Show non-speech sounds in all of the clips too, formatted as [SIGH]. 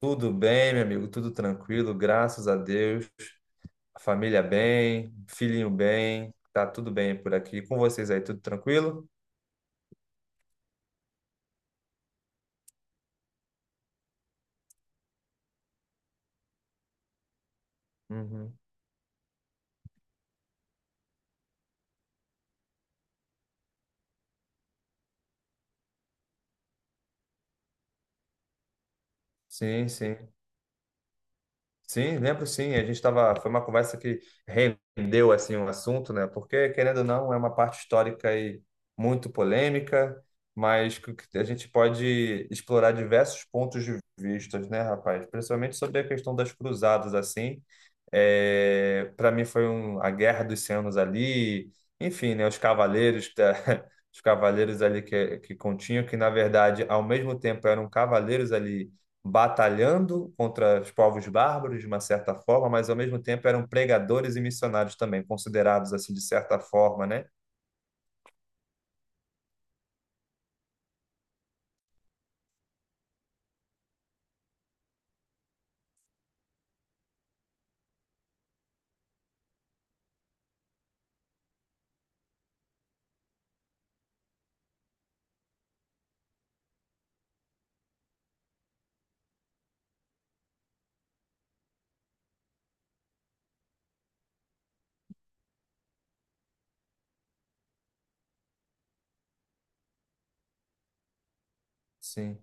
Tudo bem, meu amigo, tudo tranquilo, graças a Deus. A família bem, filhinho bem, tá tudo bem por aqui. Com vocês aí, tudo tranquilo? Uhum. Sim, sim. Sim, lembro sim. A gente tava, foi uma conversa que rendeu assim o assunto, né? Porque querendo ou não, é uma parte histórica e muito polêmica, mas que a gente pode explorar diversos pontos de vistas, né, rapaz? Principalmente sobre a questão das cruzadas assim. É, para mim foi a Guerra dos Cem Anos ali, enfim, né, [LAUGHS] os cavaleiros ali que continham que, na verdade, ao mesmo tempo eram cavaleiros ali batalhando contra os povos bárbaros de uma certa forma, mas ao mesmo tempo eram pregadores e missionários também, considerados assim de certa forma, né? Sim.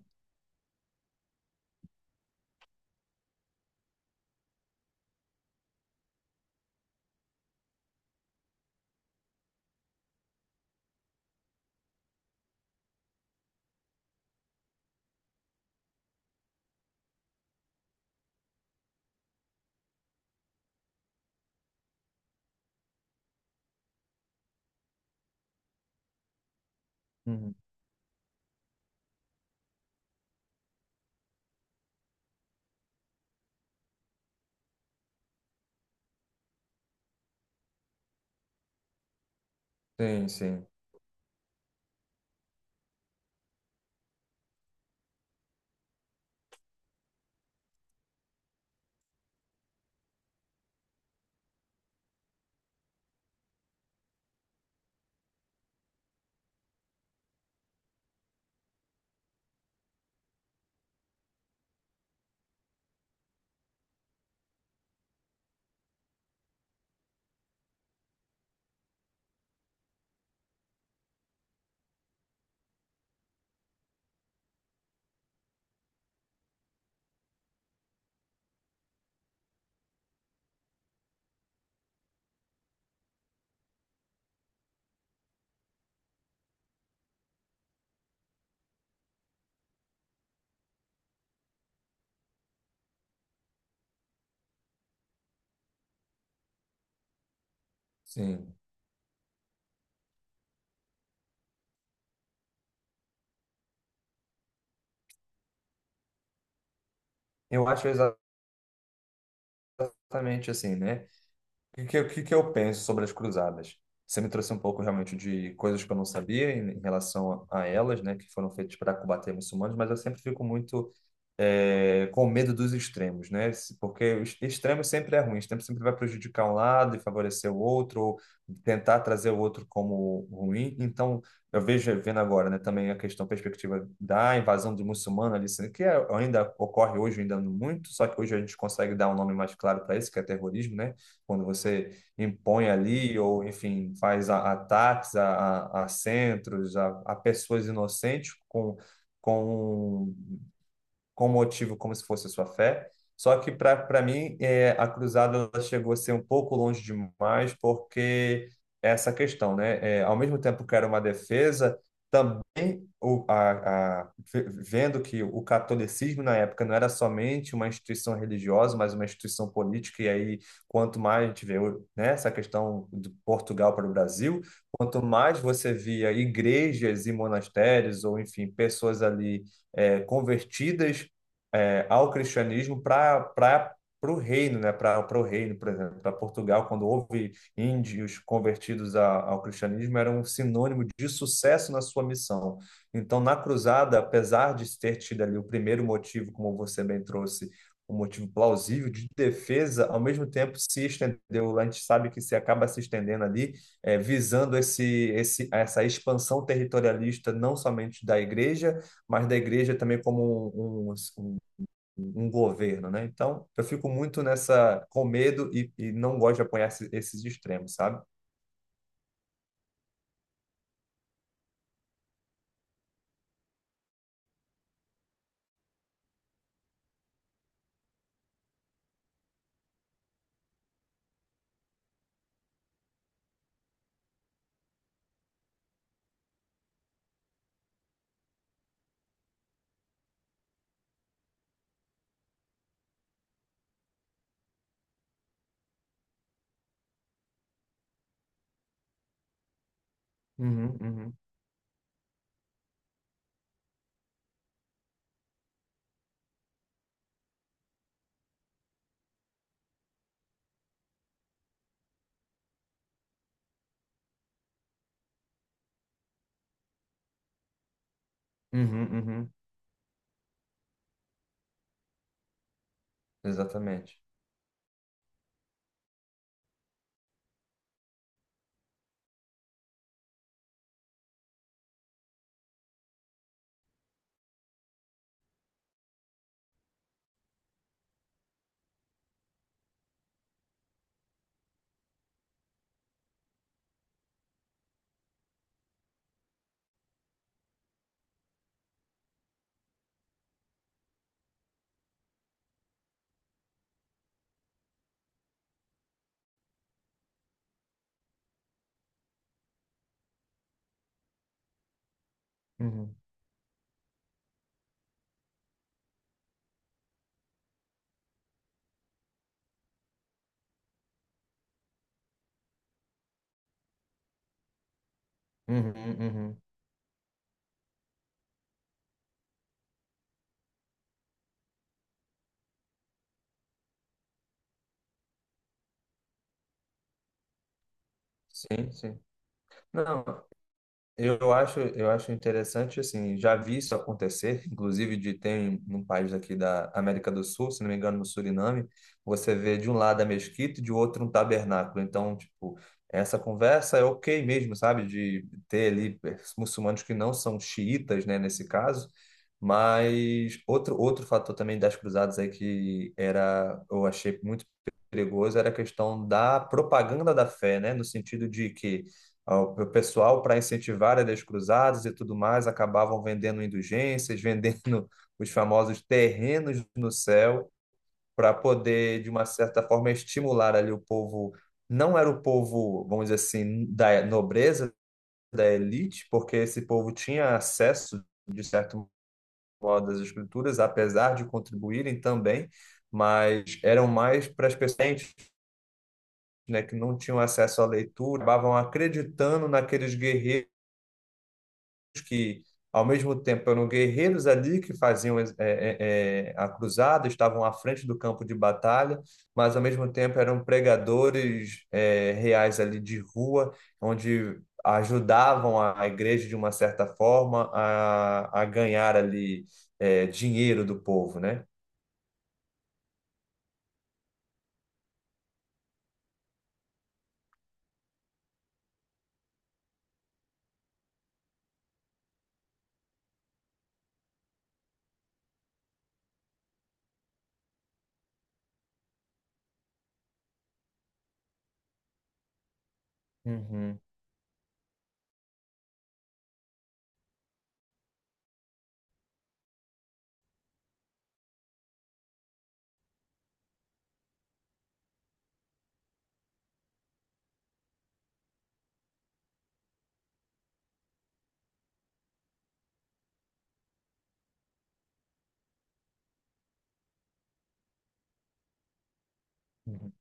Uhum. Sim, sim, sim. Eu acho exatamente assim, né? Que que eu penso sobre as cruzadas? Você me trouxe um pouco realmente de coisas que eu não sabia em relação a elas, né? Que foram feitas para combater muçulmanos, mas eu sempre fico muito com medo dos extremos, né? Porque o extremo sempre é ruim, o extremo sempre vai prejudicar um lado e favorecer o outro, ou tentar trazer o outro como ruim. Então, vendo agora, né, também perspectiva da invasão de muçulmano ali, sendo que ainda ocorre hoje, ainda muito, só que hoje a gente consegue dar um nome mais claro para isso, que é terrorismo, né? Quando você impõe ali, ou enfim, faz ataques a centros, a pessoas inocentes. Com com motivo, como se fosse a sua fé. Só que para mim a cruzada, ela chegou a ser um pouco longe demais, porque essa questão, né? É, ao mesmo tempo que era uma defesa, também vendo que o catolicismo na época não era somente uma instituição religiosa, mas uma instituição política. E aí, quanto mais a gente vê, né, essa questão de Portugal para o Brasil, quanto mais você via igrejas e monastérios, ou enfim, pessoas ali convertidas ao cristianismo para o reino, né? Para o reino, por exemplo, para Portugal, quando houve índios convertidos ao cristianismo, era um sinônimo de sucesso na sua missão. Então, na cruzada, apesar de ter tido ali o primeiro motivo, como você bem trouxe, um motivo plausível de defesa, ao mesmo tempo se estendeu. A gente sabe que se acaba se estendendo ali, visando essa expansão territorialista, não somente da igreja, mas da igreja também como um, um, um um governo, né? Então, eu fico muito nessa, com medo, e não gosto de apoiar esses extremos, sabe? Uhum, uhum, uhum, uhum. Exatamente. Uhum, uhum, uhum. Sim, sim. Não. Eu acho interessante, assim, já vi isso acontecer, [LAUGHS] inclusive de tem num país aqui da América do Sul, se não me engano, no Suriname, você vê de um lado a mesquita e de outro um tabernáculo. Então, tipo, essa conversa é ok mesmo, sabe? De ter ali muçulmanos que não são xiitas, né, nesse caso. Mas outro fator também das cruzadas aí que era, eu achei muito perigoso, era a questão da propaganda da fé, né? No sentido de que o pessoal, para incentivar as cruzadas e tudo mais, acabavam vendendo indulgências, [LAUGHS] vendendo os famosos terrenos no céu, para poder, de uma certa forma, estimular ali o povo. Não era o povo, vamos dizer assim, da nobreza, da elite, porque esse povo tinha acesso, de certo modo, às escrituras, apesar de contribuírem também, mas eram mais para as pessoas, né, que não tinham acesso à leitura, acabavam acreditando naqueles guerreiros que, ao mesmo tempo, eram guerreiros ali que faziam a cruzada, estavam à frente do campo de batalha, mas, ao mesmo tempo, eram pregadores reais ali de rua, onde ajudavam a igreja, de uma certa forma, a ganhar ali dinheiro do povo, né? Uhum, uhum.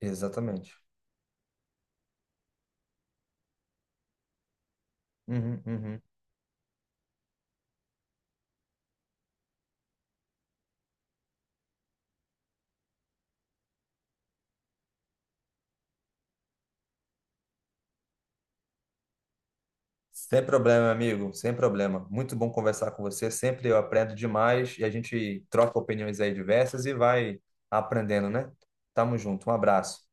Exatamente. Uhum, uhum. Sem problema, amigo, sem problema. Muito bom conversar com você. Sempre eu aprendo demais e a gente troca opiniões aí diversas e vai aprendendo, né? Tamo junto. Um abraço.